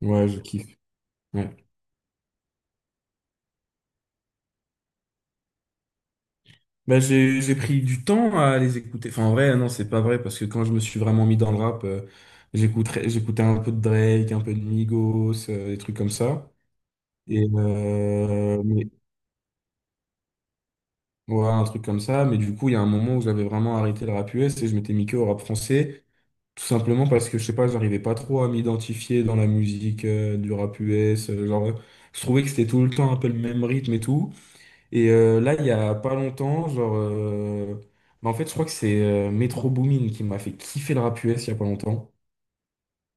Ouais, je kiffe. Ouais. J'ai pris du temps à les écouter. Enfin, en vrai, non, c'est pas vrai, parce que quand je me suis vraiment mis dans le rap, j'écoutais un peu de Drake, un peu de Migos, des trucs comme ça. Et euh, mais, ouais, un truc comme ça. Mais du coup, il y a un moment où j'avais vraiment arrêté le rap US et je m'étais mis que au rap français, tout simplement parce que, je sais pas, j'arrivais pas trop à m'identifier dans la musique du rap US. Genre, je trouvais que c'était tout le temps un peu le même rythme et tout. Et là, il y a pas longtemps, genre, bah, en fait, je crois que c'est Metro Boomin qui m'a fait kiffer le rap US il y a pas longtemps.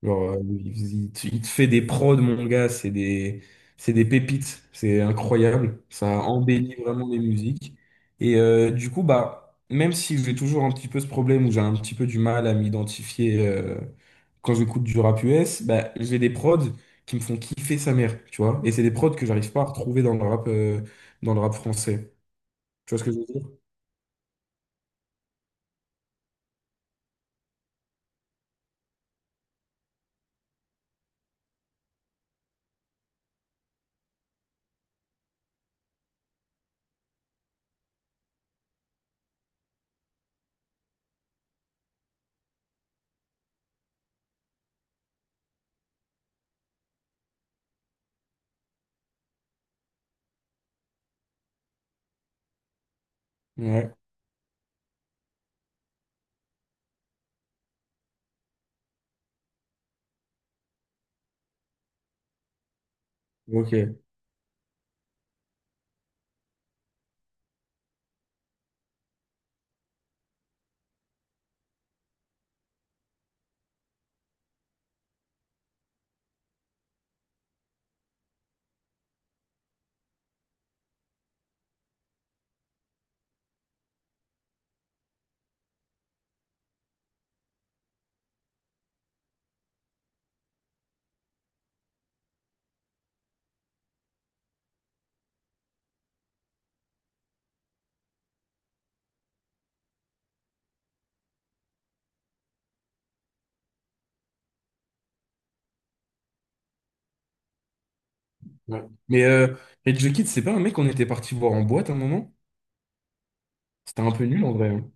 Genre, il te fait des prods, mon gars, c'est des pépites, c'est incroyable. Ça embellit vraiment les musiques. Et du coup, bah, même si j'ai toujours un petit peu ce problème où j'ai un petit peu du mal à m'identifier quand j'écoute du rap US, bah, j'ai des prods qui me font kiffer sa mère, tu vois. Et c'est des prods que j'arrive pas à retrouver dans le rap français. Tu vois ce que je veux dire? Ouais, ok. Ouais. Mais euh, Rage the Kid, c'est pas un mec qu'on était parti voir en boîte à un moment? C'était un peu nul en vrai, hein.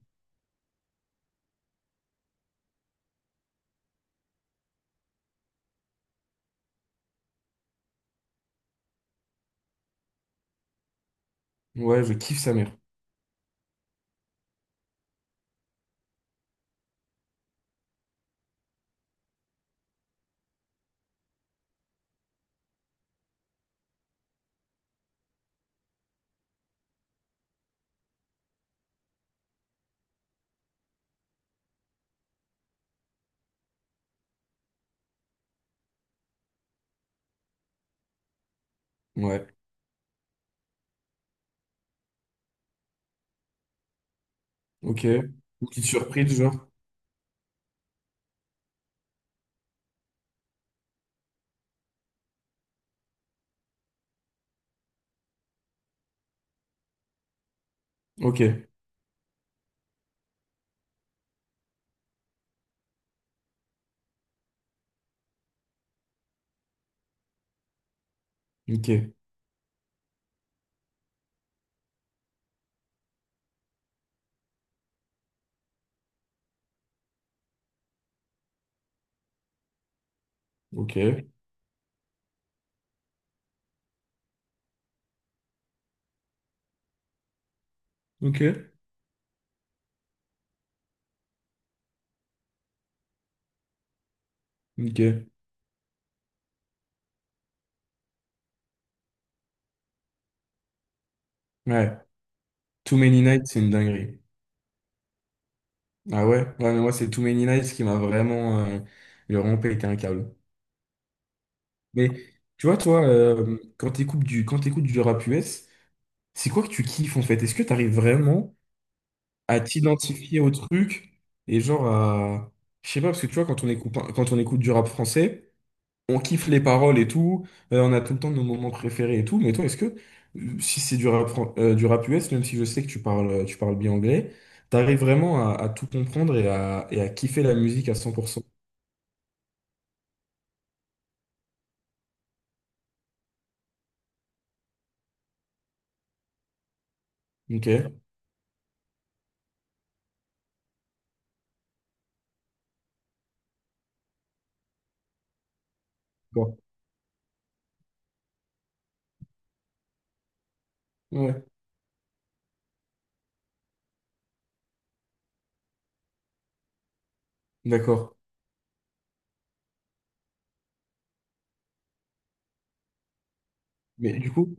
Ouais, je kiffe sa mère. Ouais, ok. Une petite surprise, genre. Ok, ok, ok, ok, ok. Ouais, Too Many Nights, c'est une dinguerie. Ah ouais? Ouais, mais moi, c'est Too Many Nights qui m'a vraiment... il a vraiment pété un câble. Mais tu vois, toi, quand t'écoutes du rap US, c'est quoi que tu kiffes en fait? Est-ce que t'arrives vraiment... à t'identifier au truc et genre à... Je sais pas, parce que tu vois, quand on écoute du rap français, on kiffe les paroles et tout, on a tout le temps nos moments préférés et tout, mais toi, est-ce que si c'est du du rap US, même si je sais que tu parles bien anglais, t'arrives vraiment à tout comprendre et à kiffer la musique à 100%. Ok. Bon. Ouais, d'accord. Mais du coup...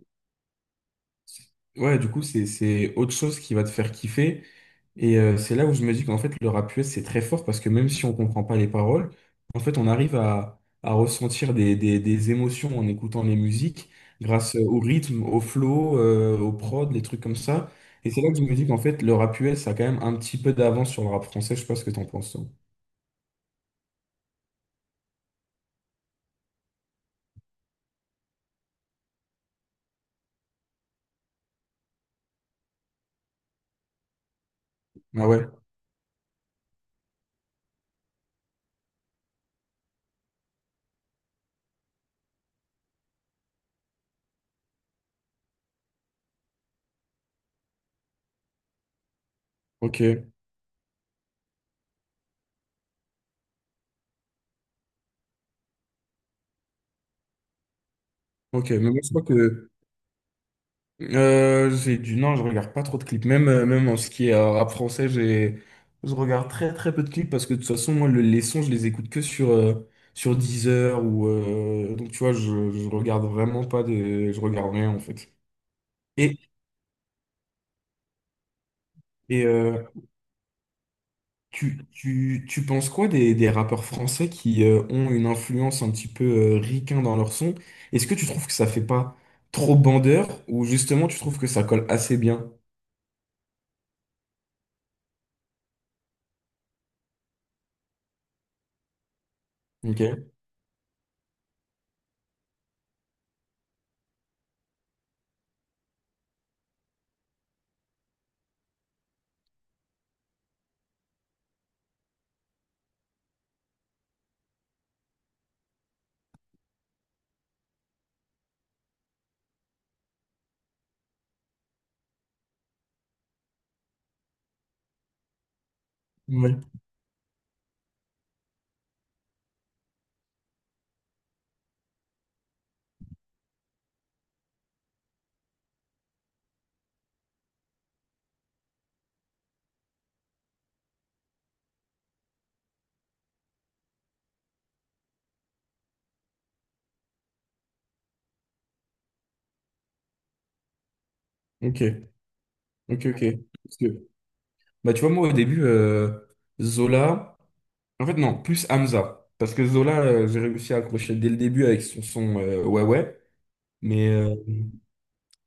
Ouais, du coup, c'est autre chose qui va te faire kiffer. Et c'est là où je me dis qu'en fait, le rap US, c'est très fort parce que même si on comprend pas les paroles, en fait, on arrive à ressentir des émotions en écoutant les musiques grâce au rythme, au flow, au prod, les trucs comme ça. Et c'est là que je me dis qu'en fait, le rap US a quand même un petit peu d'avance sur le rap français. Je sais pas ce que t'en penses, toi. Ah ouais, ok, ok. Mais moi, je crois que... j'ai du non, je regarde pas trop de clips. Même, même en ce qui est rap français, j'ai je regarde très très peu de clips parce que de toute façon, moi, les sons, je les écoute que sur sur Deezer ou donc tu vois, je regarde vraiment pas de, je regarde rien en fait. Et et euh, tu penses quoi des rappeurs français qui ont une influence un petit peu ricain dans leur son? Est-ce que tu trouves que ça fait pas trop bandeur ou justement tu trouves que ça colle assez bien? Ok. Ouais. Ok. Ok. Ok. Bah, tu vois, moi, au début, Zola. En fait, non, plus Hamza. Parce que Zola, j'ai réussi à accrocher dès le début avec son son Ouais Ouais. Mais euh,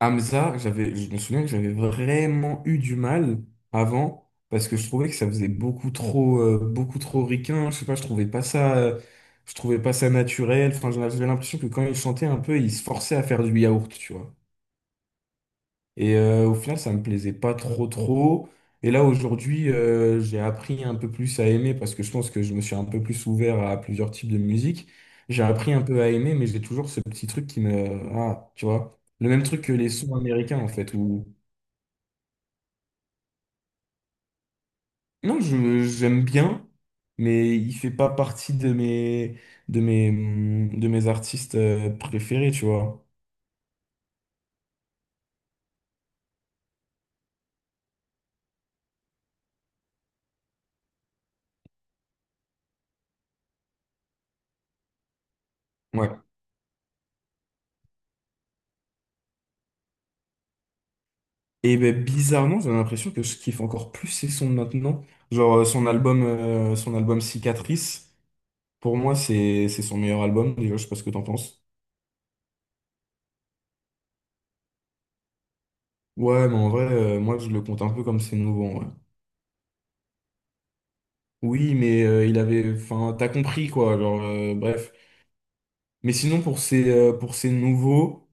Hamza, j'avais, je me souviens que j'avais vraiment eu du mal avant. Parce que je trouvais que ça faisait beaucoup trop ricain. Je sais pas, je trouvais pas ça, je trouvais pas ça naturel. Enfin, j'avais l'impression que quand il chantait un peu, il se forçait à faire du yaourt, tu vois. Et au final, ça me plaisait pas trop trop. Et là, aujourd'hui, j'ai appris un peu plus à aimer parce que je pense que je me suis un peu plus ouvert à plusieurs types de musique. J'ai appris un peu à aimer, mais j'ai toujours ce petit truc qui me... Ah, tu vois, le même truc que les sons américains, en fait, où... Non, je, j'aime bien, mais il fait pas partie de mes, de mes artistes préférés, tu vois. Et ben, bizarrement, j'ai l'impression que je kiffe encore plus ses sons de maintenant. Genre son album Cicatrice, pour moi, c'est son meilleur album. Déjà, je sais pas ce que t'en penses. Ouais, mais en vrai, moi, je le compte un peu comme ses nouveaux, en vrai. Oui, mais il avait, enfin, t'as compris quoi. Genre, bref. Mais sinon, pour ces nouveaux.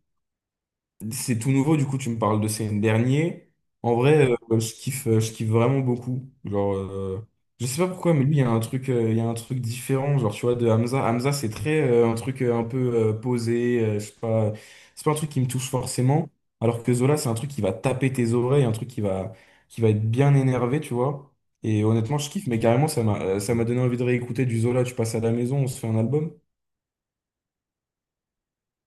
C'est tout nouveau, du coup, tu me parles de ces derniers. En vrai, je kiffe vraiment beaucoup. Genre, je sais pas pourquoi, mais lui, il y a un truc, il y a un truc différent. Genre, tu vois, de Hamza. Hamza, c'est très un truc un peu posé. Je sais pas, c'est pas un truc qui me touche forcément. Alors que Zola, c'est un truc qui va taper tes oreilles, un truc qui va être bien énervé, tu vois. Et honnêtement, je kiffe, mais carrément, ça m'a donné envie de réécouter du Zola. Tu passes à la maison, on se fait un album.